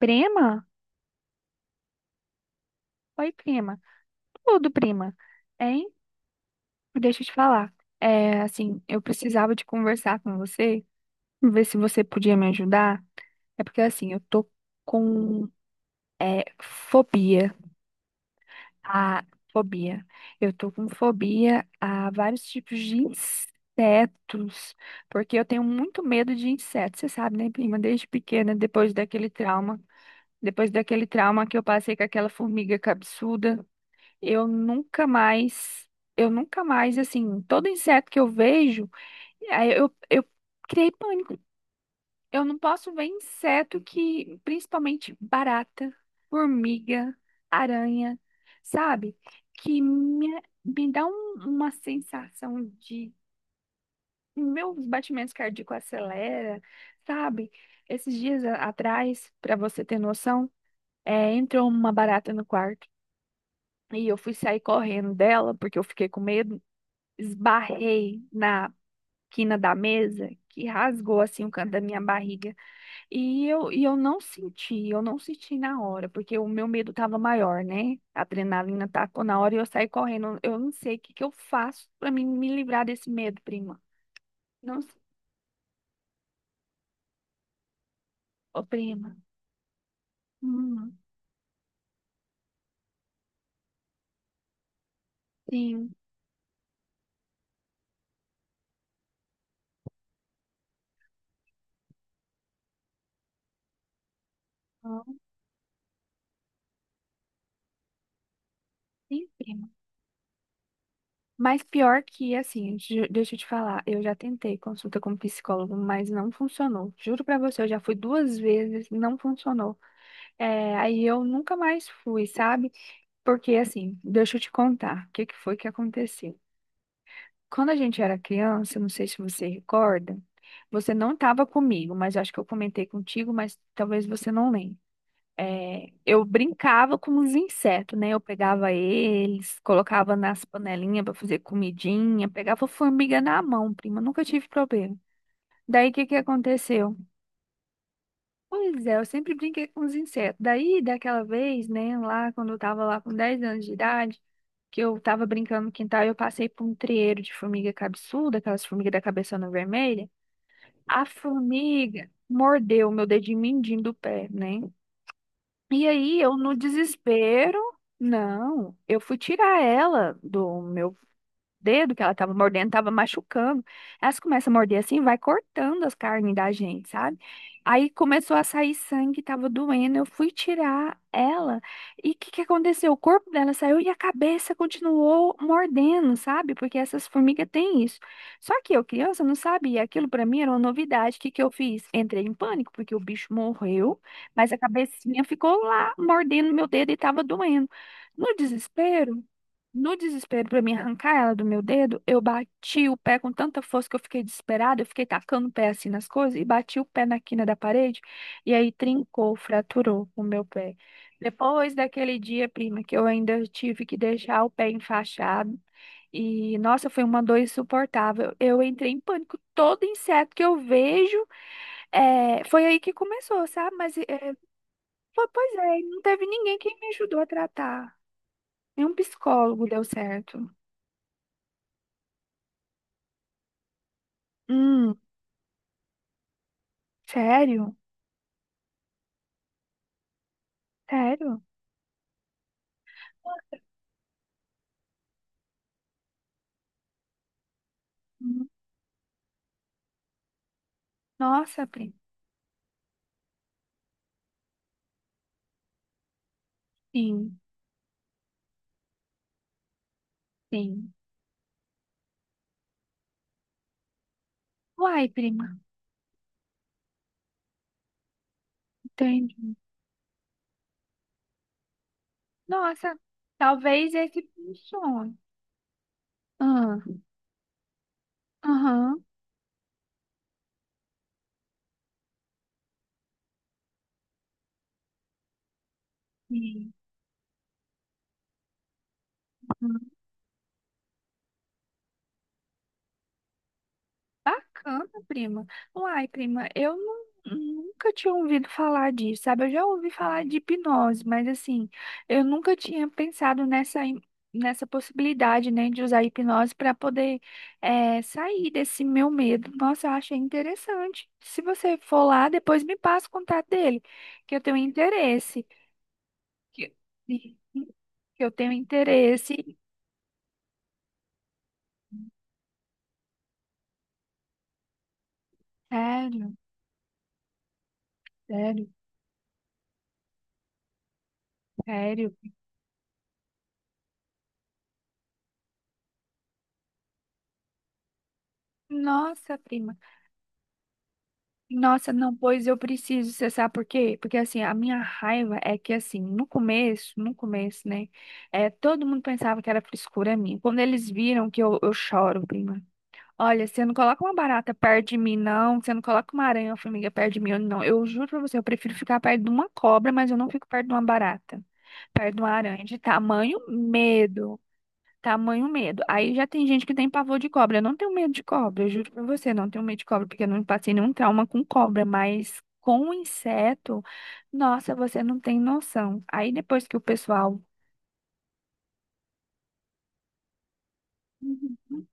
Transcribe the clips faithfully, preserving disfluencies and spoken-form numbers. Prima? Oi, prima. Tudo, prima. Hein? Deixa eu te falar. É, assim, eu precisava de conversar com você, ver se você podia me ajudar. É porque, assim, eu tô com é, fobia. A fobia. Eu tô com fobia a vários tipos de insetos. Porque eu tenho muito medo de insetos, você sabe, né, prima? Desde pequena, depois daquele trauma. Depois daquele trauma que eu passei com aquela formiga cabeçuda. Eu nunca mais, eu nunca mais, assim, todo inseto que eu vejo, aí eu, eu criei pânico. Eu não posso ver inseto que, principalmente barata, formiga, aranha, sabe? Que me, me dá um- uma sensação de. Meus batimentos cardíacos acelera, sabe? Esses dias a- atrás, para você ter noção, é, entrou uma barata no quarto. E eu fui sair correndo dela, porque eu fiquei com medo. Esbarrei na quina da mesa que rasgou assim o canto da minha barriga. E eu, e eu não senti, eu não senti na hora, porque o meu medo estava maior, né? A adrenalina tacou na hora e eu saí correndo. Eu não sei o que que eu faço para mim me livrar desse medo, prima. Não sei. Ô, prima. Hum, sim. Hum. Sim, prima. Mas pior que, assim, ju- deixa eu te falar, eu já tentei consulta com psicólogo, mas não funcionou. Juro pra você, eu já fui duas vezes, não funcionou. É, aí eu nunca mais fui, sabe? Porque assim, deixa eu te contar o que que foi que aconteceu. Quando a gente era criança, não sei se você recorda, você não estava comigo, mas acho que eu comentei contigo, mas talvez você não lembre. É, eu brincava com os insetos, né? Eu pegava eles, colocava nas panelinhas para fazer comidinha, pegava formiga na mão, prima, nunca tive problema. Daí o que que aconteceu? Pois é, eu sempre brinquei com os insetos. Daí, daquela vez, né, lá quando eu tava lá com dez anos de idade, que eu tava brincando no quintal, eu passei por um trieiro de formiga cabeçuda, aquelas formigas da cabeçona vermelha. A formiga mordeu o meu dedinho mindinho do pé, né? E aí, eu no desespero, não, eu fui tirar ela do meu dedo que ela tava mordendo, tava machucando. Elas começam a morder assim, vai cortando as carnes da gente, sabe? Aí começou a sair sangue, tava doendo. Eu fui tirar ela. E o que que aconteceu? O corpo dela saiu e a cabeça continuou mordendo, sabe? Porque essas formigas têm isso. Só que eu, criança, não sabia. Aquilo pra mim era uma novidade. O que que eu fiz? Entrei em pânico, porque o bicho morreu, mas a cabecinha ficou lá mordendo meu dedo e tava doendo. No desespero, no desespero pra me arrancar ela do meu dedo, eu bati o pé com tanta força que eu fiquei desesperada, eu fiquei tacando o pé assim nas coisas e bati o pé na quina da parede e aí trincou, fraturou o meu pé. Depois daquele dia, prima, que eu ainda tive que deixar o pé enfaixado e nossa, foi uma dor insuportável. Eu entrei em pânico. Todo inseto que eu vejo, é, foi aí que começou, sabe? Mas é, po- pois é, não teve ninguém que me ajudou a tratar. Nenhum psicólogo deu certo. Hum. Sério? Sério? Hum. Nossa, prima. Sim, sim. Uai, prima. Entendi. Nossa, talvez esse funcione. Ah. Aham. Sim. Bacana, prima. Uai, prima, eu nu- nunca tinha ouvido falar disso, sabe? Eu já ouvi falar de hipnose, mas assim, eu nunca tinha pensado nessa, im- nessa possibilidade, né, de usar hipnose para poder eh, sair desse meu medo. Nossa, eu achei interessante. Se você for lá, depois me passa o contato dele, que eu tenho interesse. Que que eu tenho interesse. Sério, sério, sério. Nossa, prima. Nossa, não, pois eu preciso, você sabe por quê? Porque assim, a minha raiva é que assim, no começo, no começo, né, é, todo mundo pensava que era frescura minha. Quando eles viram que eu, eu choro, prima. Olha, você não coloca uma barata perto de mim, não. Você não coloca uma aranha ou formiga perto de mim, não. Eu juro pra você, eu prefiro ficar perto de uma cobra, mas eu não fico perto de uma barata. Perto de uma aranha, de tamanho medo. Tamanho medo. Aí já tem gente que tem pavor de cobra. Eu não tenho medo de cobra, eu juro pra você, não tenho medo de cobra, porque eu não passei nenhum trauma com cobra, mas com inseto, nossa, você não tem noção. Aí depois que o pessoal. Uhum.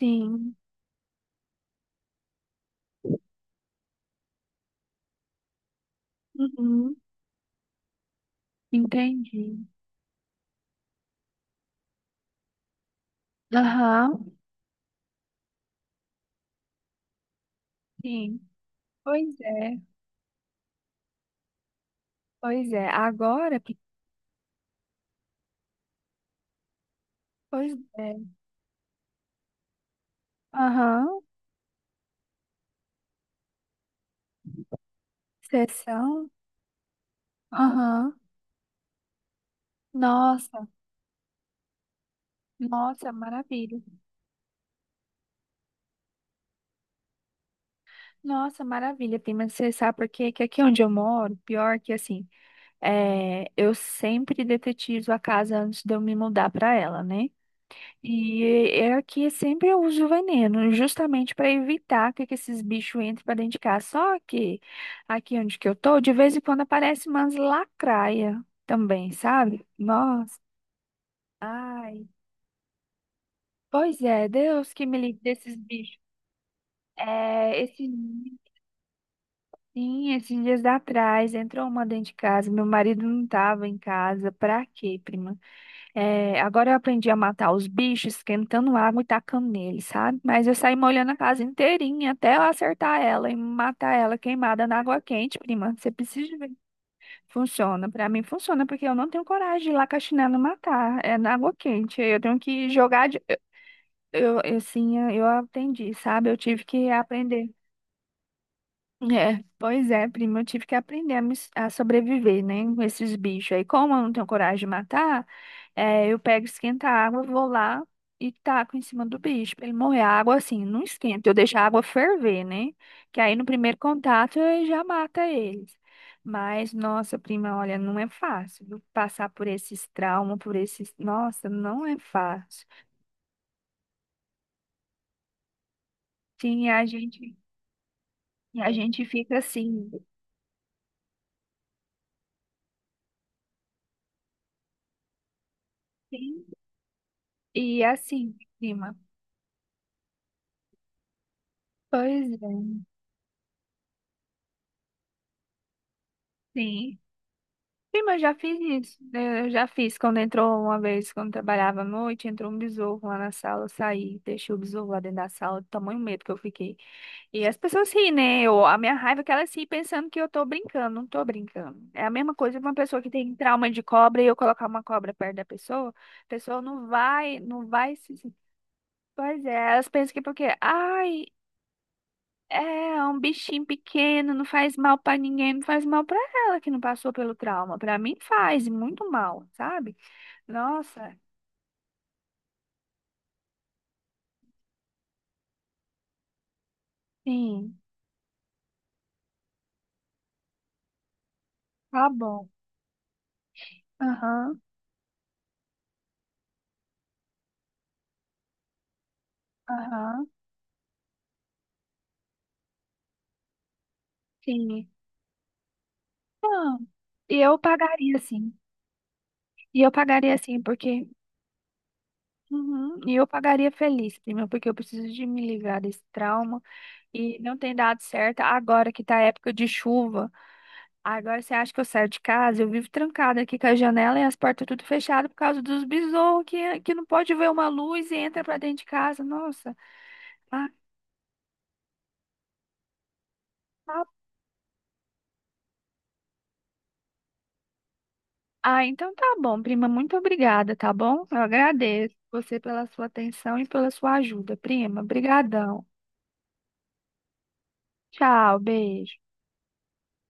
Sim, uhum, entendi. Aham, sim. Pois é, pois é. Agora, que- pois é. Aham, sessão. Aham. Nossa, nossa, maravilha. Nossa, maravilha, prima. Você sabe por quê? Que aqui onde eu moro, pior que assim, é, eu sempre detetizo a casa antes de eu me mudar para ela, né? E é aqui sempre eu uso veneno, justamente para evitar que, que esses bichos entrem para dentro de casa. Só que aqui onde que eu tô, de vez em quando aparece umas lacraia também, sabe? Nossa, ai. Pois é, Deus que me livre desses bichos. É, esse. Sim, esses dias atrás entrou uma dentro de casa. Meu marido não estava em casa. Pra quê, prima? É, agora eu aprendi a matar os bichos esquentando água e tacando neles, sabe? Mas eu saí molhando a casa inteirinha até eu acertar ela e matar ela queimada na água quente, prima. Você precisa ver. Funciona. Pra mim funciona porque eu não tenho coragem de ir lá com a chinela e matar. É na água quente. Eu tenho que jogar. De... Eu, eu, assim, eu aprendi, sabe? Eu tive que aprender. É, pois é, primo, eu tive que aprender a, me s- a sobreviver, né, com esses bichos aí. Como eu não tenho coragem de matar, é, eu pego, esquenta a água, vou lá e taco em cima do bicho pra ele morrer. A água, assim, não esquenta, eu deixo a água ferver, né, que aí no primeiro contato eu já mata eles. Mas, nossa, prima, olha, não é fácil, viu? Passar por esses traumas, por esses... Nossa, não é fácil. Sim, a gente, e a gente fica assim, sim, e assim, prima. Pois é. Sim. Sim, mas eu já fiz isso, né? Eu já fiz quando entrou uma vez, quando trabalhava à noite, entrou um besouro lá na sala, eu saí, deixei o besouro lá dentro da sala, do tamanho medo que eu fiquei. E as pessoas riem, né? Eu, a minha raiva é que elas riem pensando que eu tô brincando, não tô brincando. É a mesma coisa que uma pessoa que tem trauma de cobra e eu colocar uma cobra perto da pessoa, a pessoa não vai, não vai se. se- Pois é, elas pensam que é porque, ai, é é um bichinho pequeno, não faz mal pra ninguém, não faz mal pra ela que não passou pelo trauma. Pra mim faz e muito mal, sabe? Nossa, sim, tá bom. Aham, aham, sim. Não, e eu pagaria sim. E eu pagaria sim, porque. Uhum, e eu pagaria feliz, prima, porque eu preciso de me livrar desse trauma e não tem dado certo agora que tá época de chuva. Agora você acha que eu saio de casa? Eu vivo trancada aqui com a janela e as portas tudo fechado por causa dos besouros que, que não pode ver uma luz e entra pra dentro de casa. Nossa. Ah, tá- ah, então tá bom, prima. Muito obrigada, tá bom? Eu agradeço você pela sua atenção e pela sua ajuda, prima. Obrigadão. Tchau, beijo.